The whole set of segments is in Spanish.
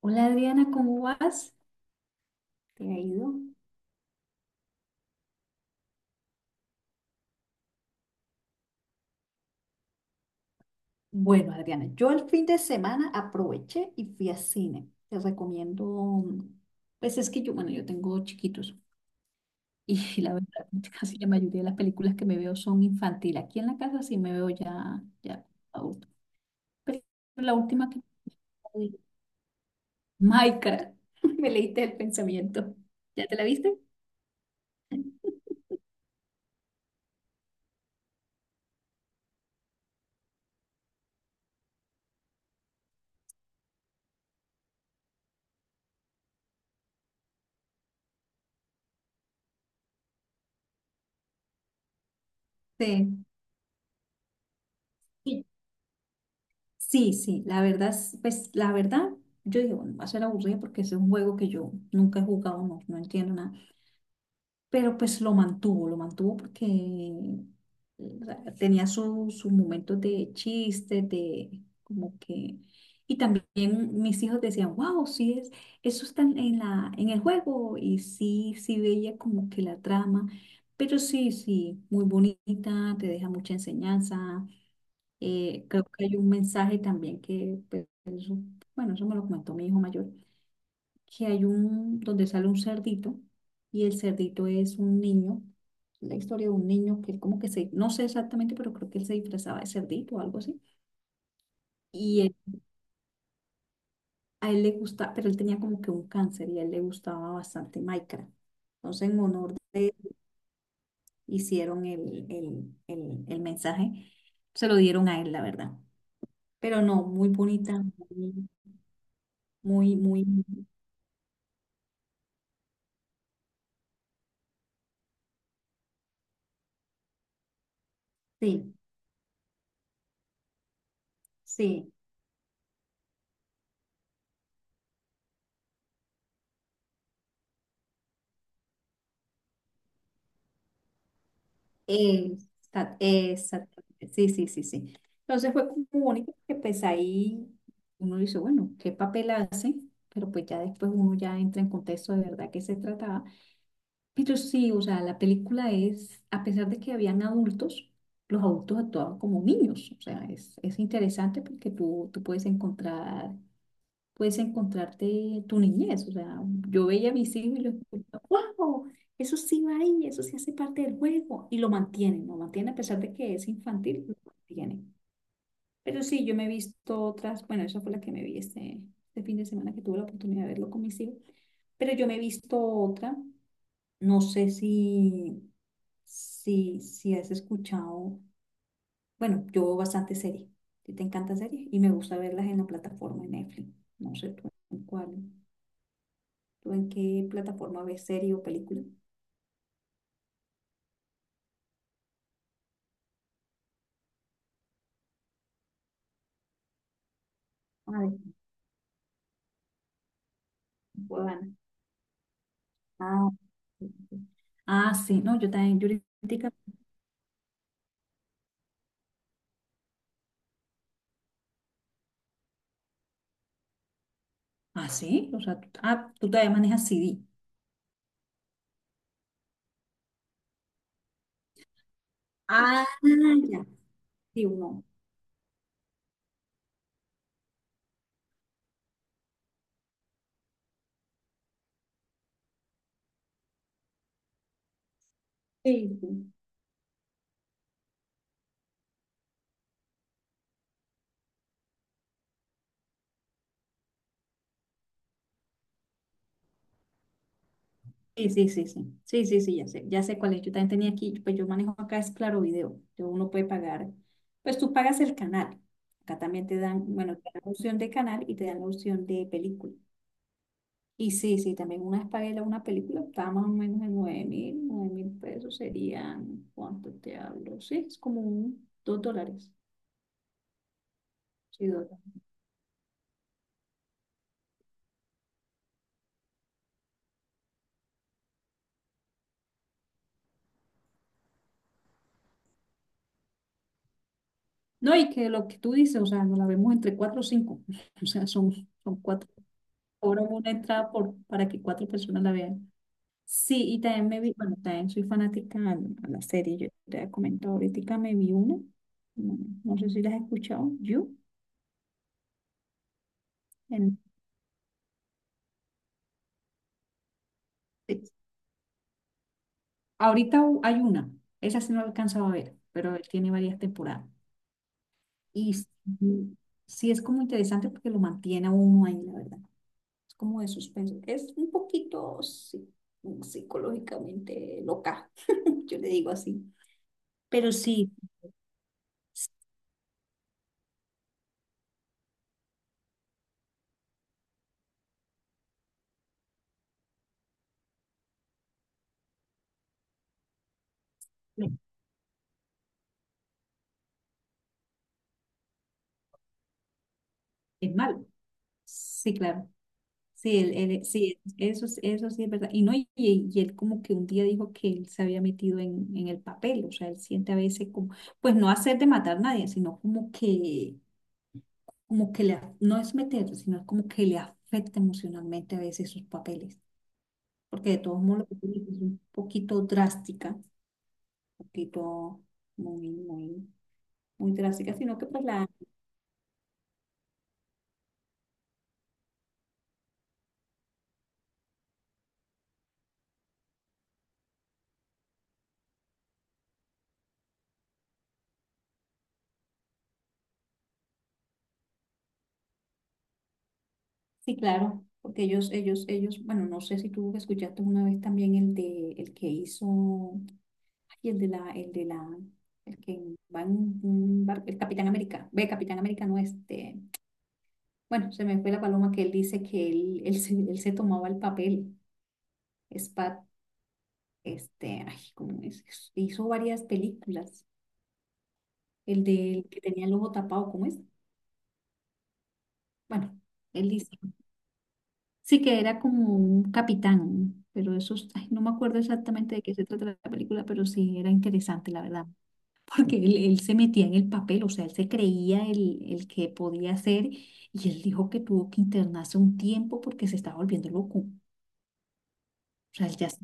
Hola Adriana, ¿cómo vas? ¿Te ha ido? Bueno, Adriana, yo el fin de semana aproveché y fui a cine. Te recomiendo, pues es que yo, bueno, yo tengo chiquitos y la verdad, casi la mayoría de las películas que me veo son infantil. Aquí en la casa sí me veo ya, ya adulto. Pero la última que me vi, Minecraft, me leíste el pensamiento. ¿Ya te la viste? Sí. Y Sí, sí, la verdad, pues la verdad, yo dije, bueno, va a ser aburrido porque es un juego que yo nunca he jugado, no, no entiendo nada, pero pues lo mantuvo porque, o sea, tenía sus momentos de chiste, de como que... Y también mis hijos decían, wow, sí, es, eso está en el juego y sí, sí veía como que la trama, pero sí, sí, muy bonita, te deja mucha enseñanza. Creo que hay un mensaje también que, pues, bueno, eso me lo comentó mi hijo mayor, que hay un, donde sale un cerdito y el cerdito es un niño, la historia de un niño que él como que se, no sé exactamente, pero creo que él se disfrazaba de cerdito o algo así. Y él- a él le gustaba, pero él tenía como que un cáncer y a él le gustaba bastante Minecraft. Entonces, en honor de él, hicieron el mensaje, se lo dieron a él, la verdad. Pero no, muy bonita, muy, muy, muy, sí. Sí, exactamente. Sí, sí, sí, sí. Entonces fue como único que pues ahí uno dice, bueno, ¿qué papel hace? Pero pues ya después uno ya entra en contexto de verdad que se trataba. Pero sí, o sea, la película es, a pesar de que habían adultos, los adultos actuaban como niños. O sea, es interesante porque tú puedes encontrarte tu niñez. O sea, yo veía mis hijos y yo escuchaba, wow, eso sí va ahí, eso sí hace parte del juego. Y lo mantienen a pesar de que es infantil, lo mantienen. Pero sí, yo me he visto otras, bueno, esa fue la que me vi este fin de semana que tuve la oportunidad de verlo con mis hijos. Pero yo me he visto otra, no sé si, si, si has escuchado, bueno, yo veo bastante series. Si te encantan series y me gusta verlas en la plataforma de Netflix. No sé tú en cuál. ¿Tú en qué plataforma ves serie o película? A ver. Cuevana. Ah, ok. Ok. Ah, sí, no, yo también, Ah, sí, o sea, tú todavía manejas CD. Ah, ya. Sí, uno. Sí, sí. Sí, sí, sí, sí, sí, sí, sí, ya sé cuál es. Yo también tenía aquí, pues yo manejo acá es Claro Video. Yo uno puede pagar, pues tú pagas el canal. Acá también te dan, bueno, te dan la opción de canal y te dan la opción de película. Y sí, sí, también una vez pagué una película, estaba más o menos en 9.000 pesos serían, ¿cuánto te hablo? Sí, es como un, $2, sí, $2. No, y que lo que tú dices, o sea, nos la vemos entre 4 o 5 o sea, son, cuatro, cobran una entrada para que 4 personas la vean. Sí, y también me vi, bueno, también soy fanática a la serie, yo te había comentado ahorita, me vi una, no, no sé si la has escuchado, You, en Netflix. Ahorita hay una, esa sí no la he alcanzado a ver, pero él tiene varias temporadas. Y sí, sí es como interesante porque lo mantiene a uno ahí, la verdad. Es como de suspenso. Es un poquito psicológicamente loca, yo le digo así. Pero sí, sí, es malo. Sí, claro. Sí, sí, eso sí es verdad. Y no, y él como que un día dijo que él se había metido en el papel, o sea, él siente a veces como, pues no hacer de matar a nadie, sino como que le, no es meter, sino como que le afecta emocionalmente a veces sus papeles, porque de todos modos lo que tú dices es un poquito drástica, un poquito muy, muy, muy drástica, sino que pues la, sí, claro, porque ellos, bueno, no sé si tú escuchaste una vez también el de, el que hizo, ay, el de la, el de la, el que va en un barco, el Capitán América, ve, Capitán América no, este, bueno, se me fue la paloma que él dice que él se tomaba el papel, es este, ay, ¿cómo es? Hizo varias películas. El del que tenía el ojo tapado, ¿cómo es? Bueno, él dice, sí que era como un capitán, pero eso, ay, no me acuerdo exactamente de qué se trata la película, pero sí era interesante, la verdad, porque él se metía en el papel, o sea, él se creía el que podía ser, y él dijo que tuvo que internarse un tiempo porque se estaba volviendo loco. O sea, él ya se...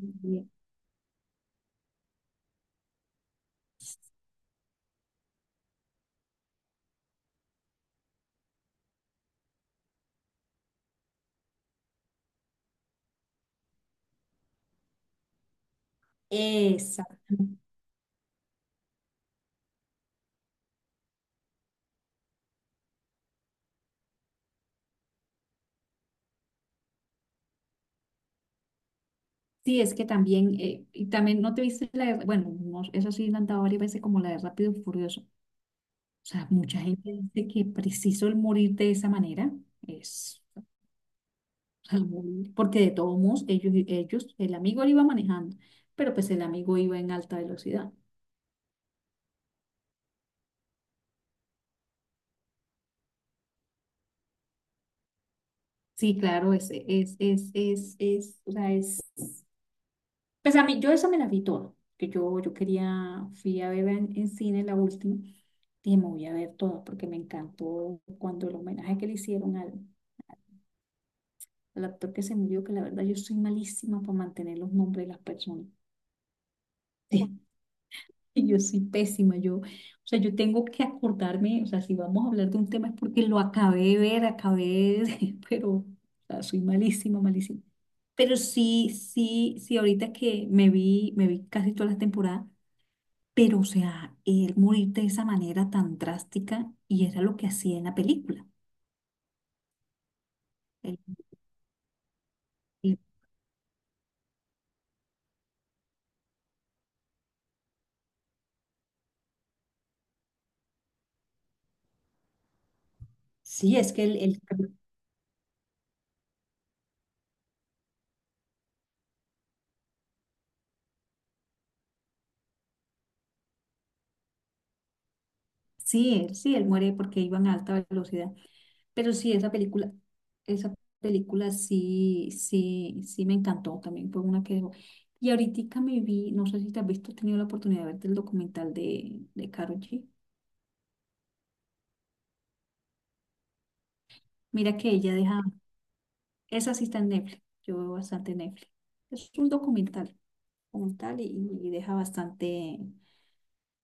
Exacto. Sí, es que también, y también no te viste bueno, no, eso sí la han dado varias veces como la de Rápido y Furioso. O sea, mucha gente dice que preciso el morir de esa manera es, o sea, morir, porque de todos modos ellos, el amigo lo iba manejando, pero pues el amigo iba en alta velocidad. Sí, claro, es, o sea, es, pues a mí, yo esa me la vi toda, que yo quería, fui a ver en cine la última. Dije, me voy a ver todo porque me encantó cuando el homenaje que le hicieron al actor que se murió, que la verdad yo soy malísima para mantener los nombres de las personas. Yo soy pésima, yo, o sea, yo tengo que acordarme, o sea, si vamos a hablar de un tema es porque lo acabé de ver, pero, o sea, soy malísima, malísima. Pero sí, sí, sí, ahorita que me vi, casi todas las temporadas, pero, o sea, él morir de esa manera tan drástica y era lo que hacía en la película. Él- él- sí, es que sí, sí, él muere porque iban a alta velocidad. Pero sí, esa película sí, sí, sí me encantó también, fue una que dejó. Y ahorita me vi, no sé si te has visto, has tenido la oportunidad de verte el documental de Karol G. Mira que ella deja, esa sí está en Netflix, yo veo bastante Netflix. Es un documental, como tal y deja bastante,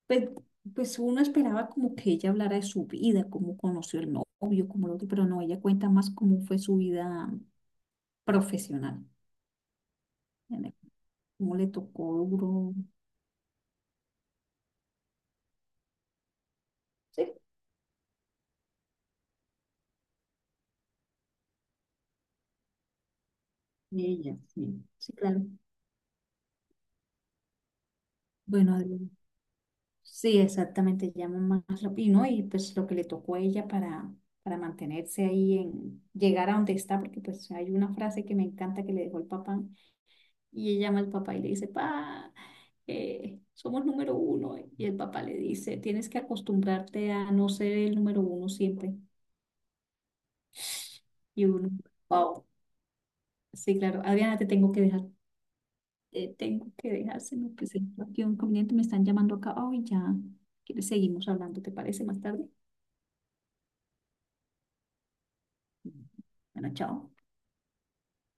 pues, pues uno esperaba como que ella hablara de su vida, cómo conoció el novio, cómo lo que, pero no, ella cuenta más cómo fue su vida profesional, cómo le tocó duro. Sí, ella, sí, sí, claro. Bueno, Adriana, sí, exactamente, llama más rápido, ¿no? Y pues lo que le tocó a ella para mantenerse ahí en llegar a donde está, porque pues hay una frase que me encanta que le dejó el papá, y ella llama al papá y le dice, pa, somos número uno, y el papá le dice, tienes que acostumbrarte a no ser el número uno siempre, y uno, wow, sí, claro, Adriana, te tengo que dejar. Tengo que dejárselo, pues tengo aquí un conveniente, me están llamando acá. Ay, ya, ¿quieres seguimos hablando? ¿Te parece más tarde? Bueno, chao.